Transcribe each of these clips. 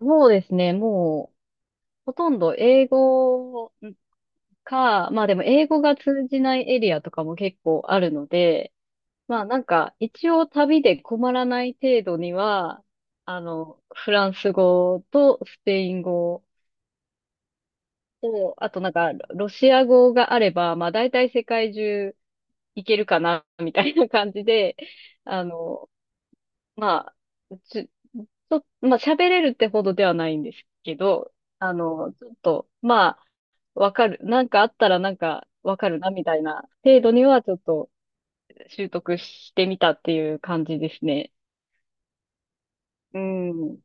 そうですね。もう、ほとんど英語か、まあでも英語が通じないエリアとかも結構あるので、まあなんか一応旅で困らない程度には、フランス語とスペイン語と、あとなんかロシア語があれば、まあ大体世界中行けるかな、みたいな感じで、あの、まあ、ちょ、ちょまあ喋れるってほどではないんですけど、ちょっと、まあ、わかる。なんかあったらなんかわかるな、みたいな程度にはちょっと習得してみたっていう感じですね。うん。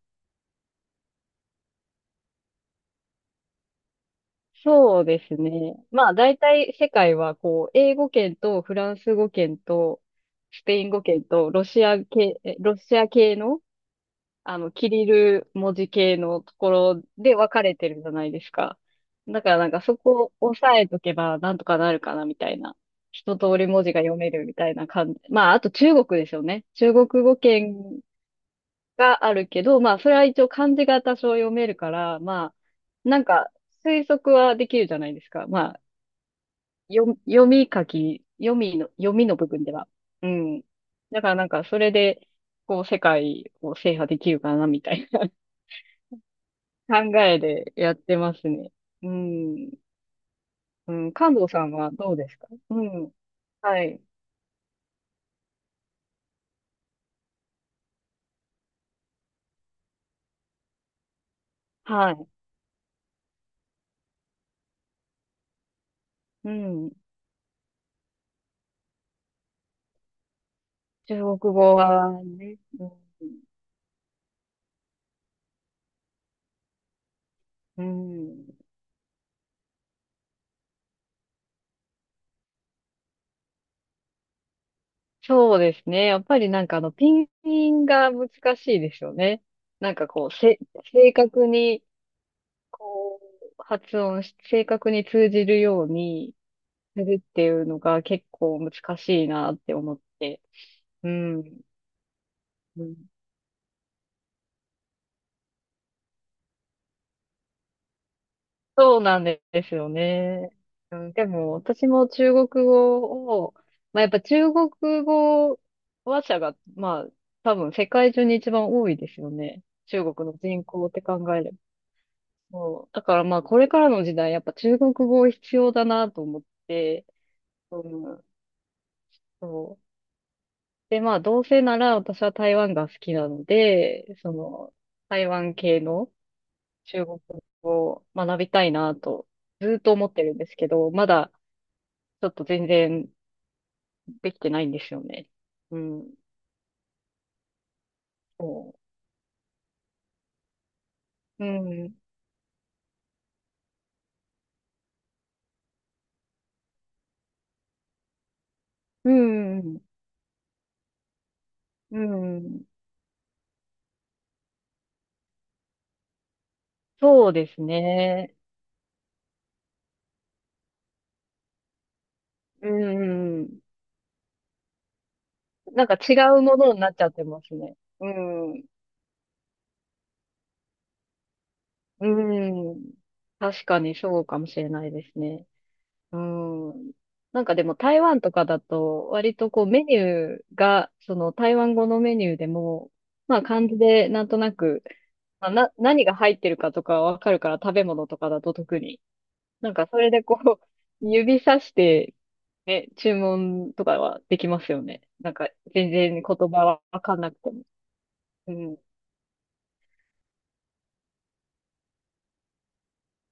そうですね。まあ大体世界はこう、英語圏とフランス語圏とスペイン語圏とロシア系、ロシア系のキリル文字系のところで分かれてるじゃないですか。だからなんかそこを押さえとけばなんとかなるかなみたいな。一通り文字が読めるみたいな感じ。まあ、あと中国ですよね。中国語圏があるけど、まあ、それは一応漢字が多少読めるから、まあ、なんか推測はできるじゃないですか。まあ、読み書き、読みの部分では。うん。だからなんかそれで、こう世界を制覇できるかなみたいな。考えでやってますね。うん。うん、感動さんはどうですか、うん。はい。はい。うん。中国語はね。うん。うん。そうですね。やっぱりあの、ピンピンが難しいですよね。こう、正確に、こう、発音し、正確に通じるようにするっていうのが結構難しいなって思って。うん。うん、そうなんですよね。うん、でも、私も中国語を、まあ、やっぱ中国語話者が、まあ、多分世界中に一番多いですよね。中国の人口って考えれば。そうだからまあ、これからの時代、やっぱ中国語必要だなと思って、うん、そう。で、まあ、どうせなら私は台湾が好きなので、その、台湾系の中国語を学びたいなと、ずっと思ってるんですけど、まだ、ちょっと全然できてないんですよね。うん。そう。うん。うん。うん。そうですね。うん。なんか違うものになっちゃってますね。うん。うん。確かにそうかもしれないですね。うん。なんかでも台湾とかだと、割とこうメニューが、その台湾語のメニューでも、まあ漢字でなんとなく、まあ、何が入ってるかとかわかるから、食べ物とかだと特に。なんか、それでこう、指さして、ね、注文とかはできますよね。なんか、全然言葉はわかんなくても。うん。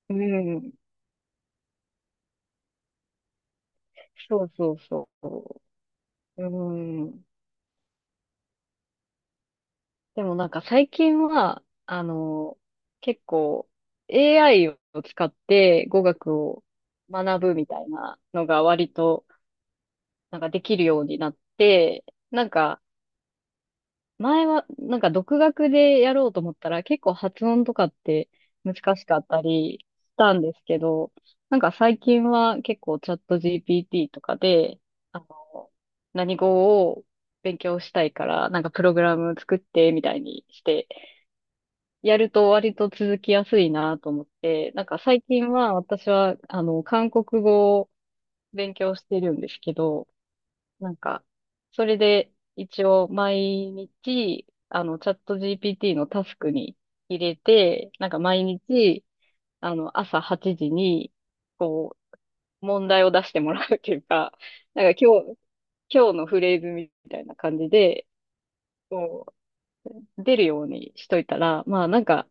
うん。そうそうそう。うん。でもなんか最近は、結構 AI を使って語学を学ぶみたいなのが割となんかできるようになって、なんか前は、なんか独学でやろうと思ったら、結構発音とかって難しかったりしたんですけど、なんか最近は結構チャット GPT とかで、あの、何語を勉強したいから、なんかプログラム作ってみたいにして、やると割と続きやすいなと思って、なんか最近は私は、韓国語を勉強してるんですけど、なんか、それで一応毎日、チャット GPT のタスクに入れて、なんか毎日、朝8時に、こう、問題を出してもらうっていうか、なんか今日、今日のフレーズみたいな感じで、こう、出るようにしといたら、まあなんか、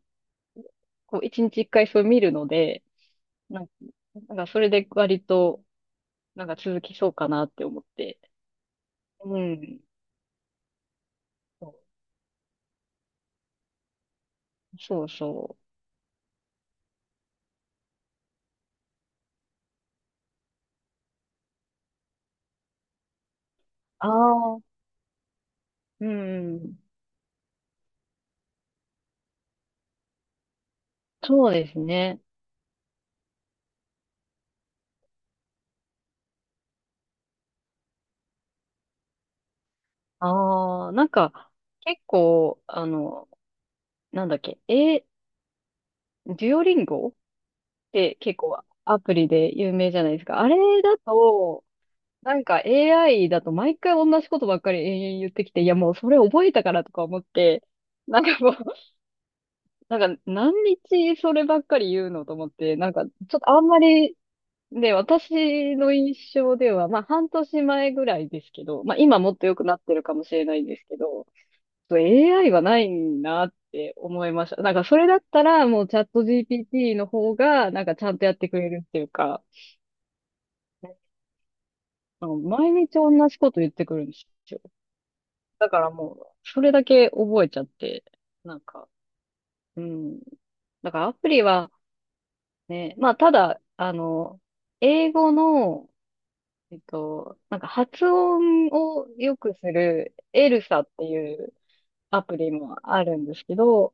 こう、一日一回それ見るので、なんか、なんかそれで割と、なんか続きそうかなって思って。うん。そうそうそう。あうん。そうですね。ああ、なんか、結構、なんだっけ、デュオリンゴって結構アプリで有名じゃないですか。あれだと、なんか AI だと毎回同じことばっかり延々言ってきて、いやもうそれ覚えたからとか思って、なんかもう、なんか何日そればっかり言うのと思って、なんかちょっとあんまり、で、私の印象では、まあ半年前ぐらいですけど、まあ今もっと良くなってるかもしれないんですけど、と AI はないなって思いました。なんかそれだったらもうチャット GPT の方がなんかちゃんとやってくれるっていうか、あの毎日同じこと言ってくるんですよ。だからもうそれだけ覚えちゃって、なんか、うん。だからアプリはね、まあただ、英語の、えっと、なんか発音を良くするエルサっていうアプリもあるんですけど、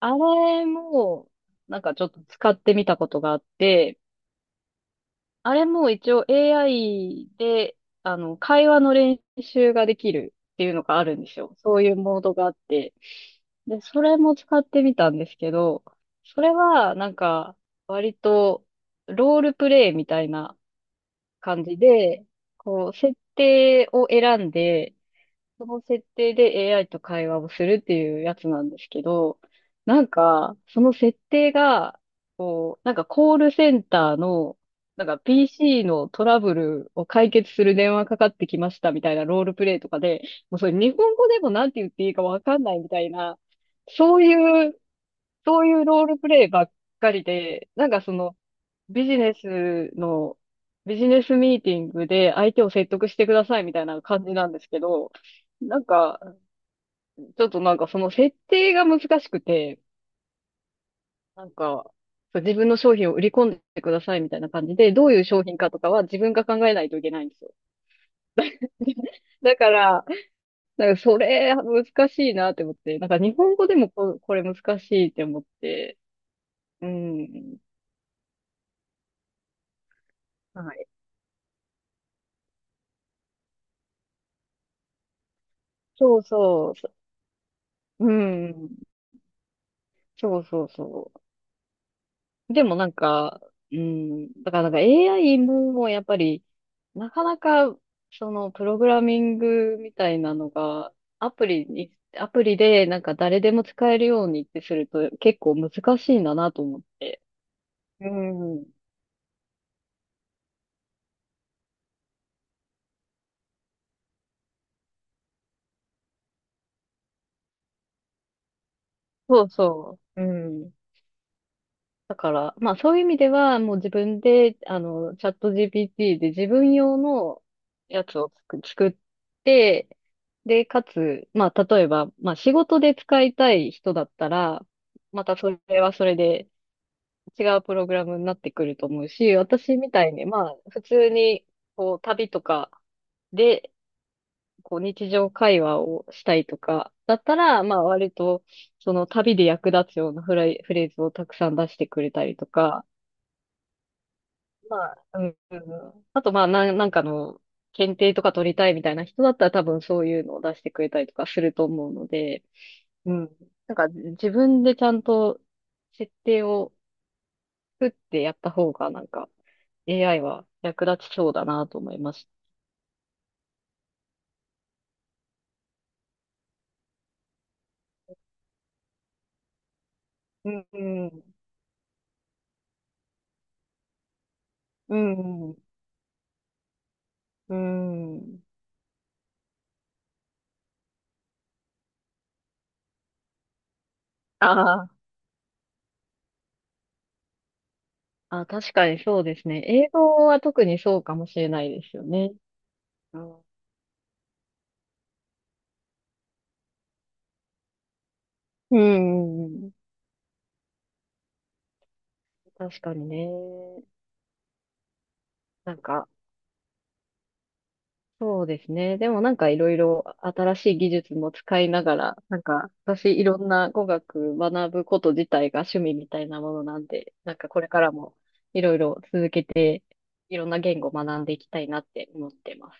あれも、なんかちょっと使ってみたことがあって、あれも一応 AI で、会話の練習ができるっていうのがあるんですよ。そういうモードがあって。で、それも使ってみたんですけど、それはなんか割とロールプレイみたいな感じで、こう、設定を選んで、その設定で AI と会話をするっていうやつなんですけど、なんか、その設定が、こう、なんかコールセンターの、なんか PC のトラブルを解決する電話かかってきましたみたいなロールプレイとかで、もうそれ日本語でもなんて言っていいかわかんないみたいな、そういう、そういうロールプレイばっかりで、なんかその、ビジネスの、ビジネスミーティングで相手を説得してくださいみたいな感じなんですけど、なんか、ちょっとなんかその設定が難しくて、なんか、そう自分の商品を売り込んでくださいみたいな感じで、どういう商品かとかは自分が考えないといけないんですよ。だから、なんかそれ難しいなって思って、なんか日本語でもこれ難しいって思って、うん。はい。そうそう。そう、ん。そうそうそう。でもなんか、うん、だからなんか AI ももうやっぱり、なかなか、その、プログラミングみたいなのが、アプリでなんか誰でも使えるようにってすると結構難しいんだなと思って。うん。そうそう。うん。だから、まあそういう意味では、もう自分で、チャット GPT で自分用のやつを作って、で、かつ、まあ例えば、まあ仕事で使いたい人だったら、またそれはそれで違うプログラムになってくると思うし、私みたいに、まあ普通に、こう旅とかで、こう日常会話をしたいとか、だったら、まあ割と、その旅で役立つようなフレーズをたくさん出してくれたりとか、まあ、うん、あと、まあ、なんかの、検定とか取りたいみたいな人だったら多分そういうのを出してくれたりとかすると思うので、うん。なんか自分でちゃんと設定を作ってやった方がなんか AI は役立ちそうだなと思います。うん、うん、うん。うん、あー、あ、確かにそうですね。英語は特にそうかもしれないですよね。うん、うん、うん、確かにね。なんか、そうですね。でもなんかいろいろ新しい技術も使いながら、なんか私いろんな語学学ぶこと自体が趣味みたいなものなんで、なんかこれからもいろいろ続けて、いろんな言語を学んでいきたいなって思ってます。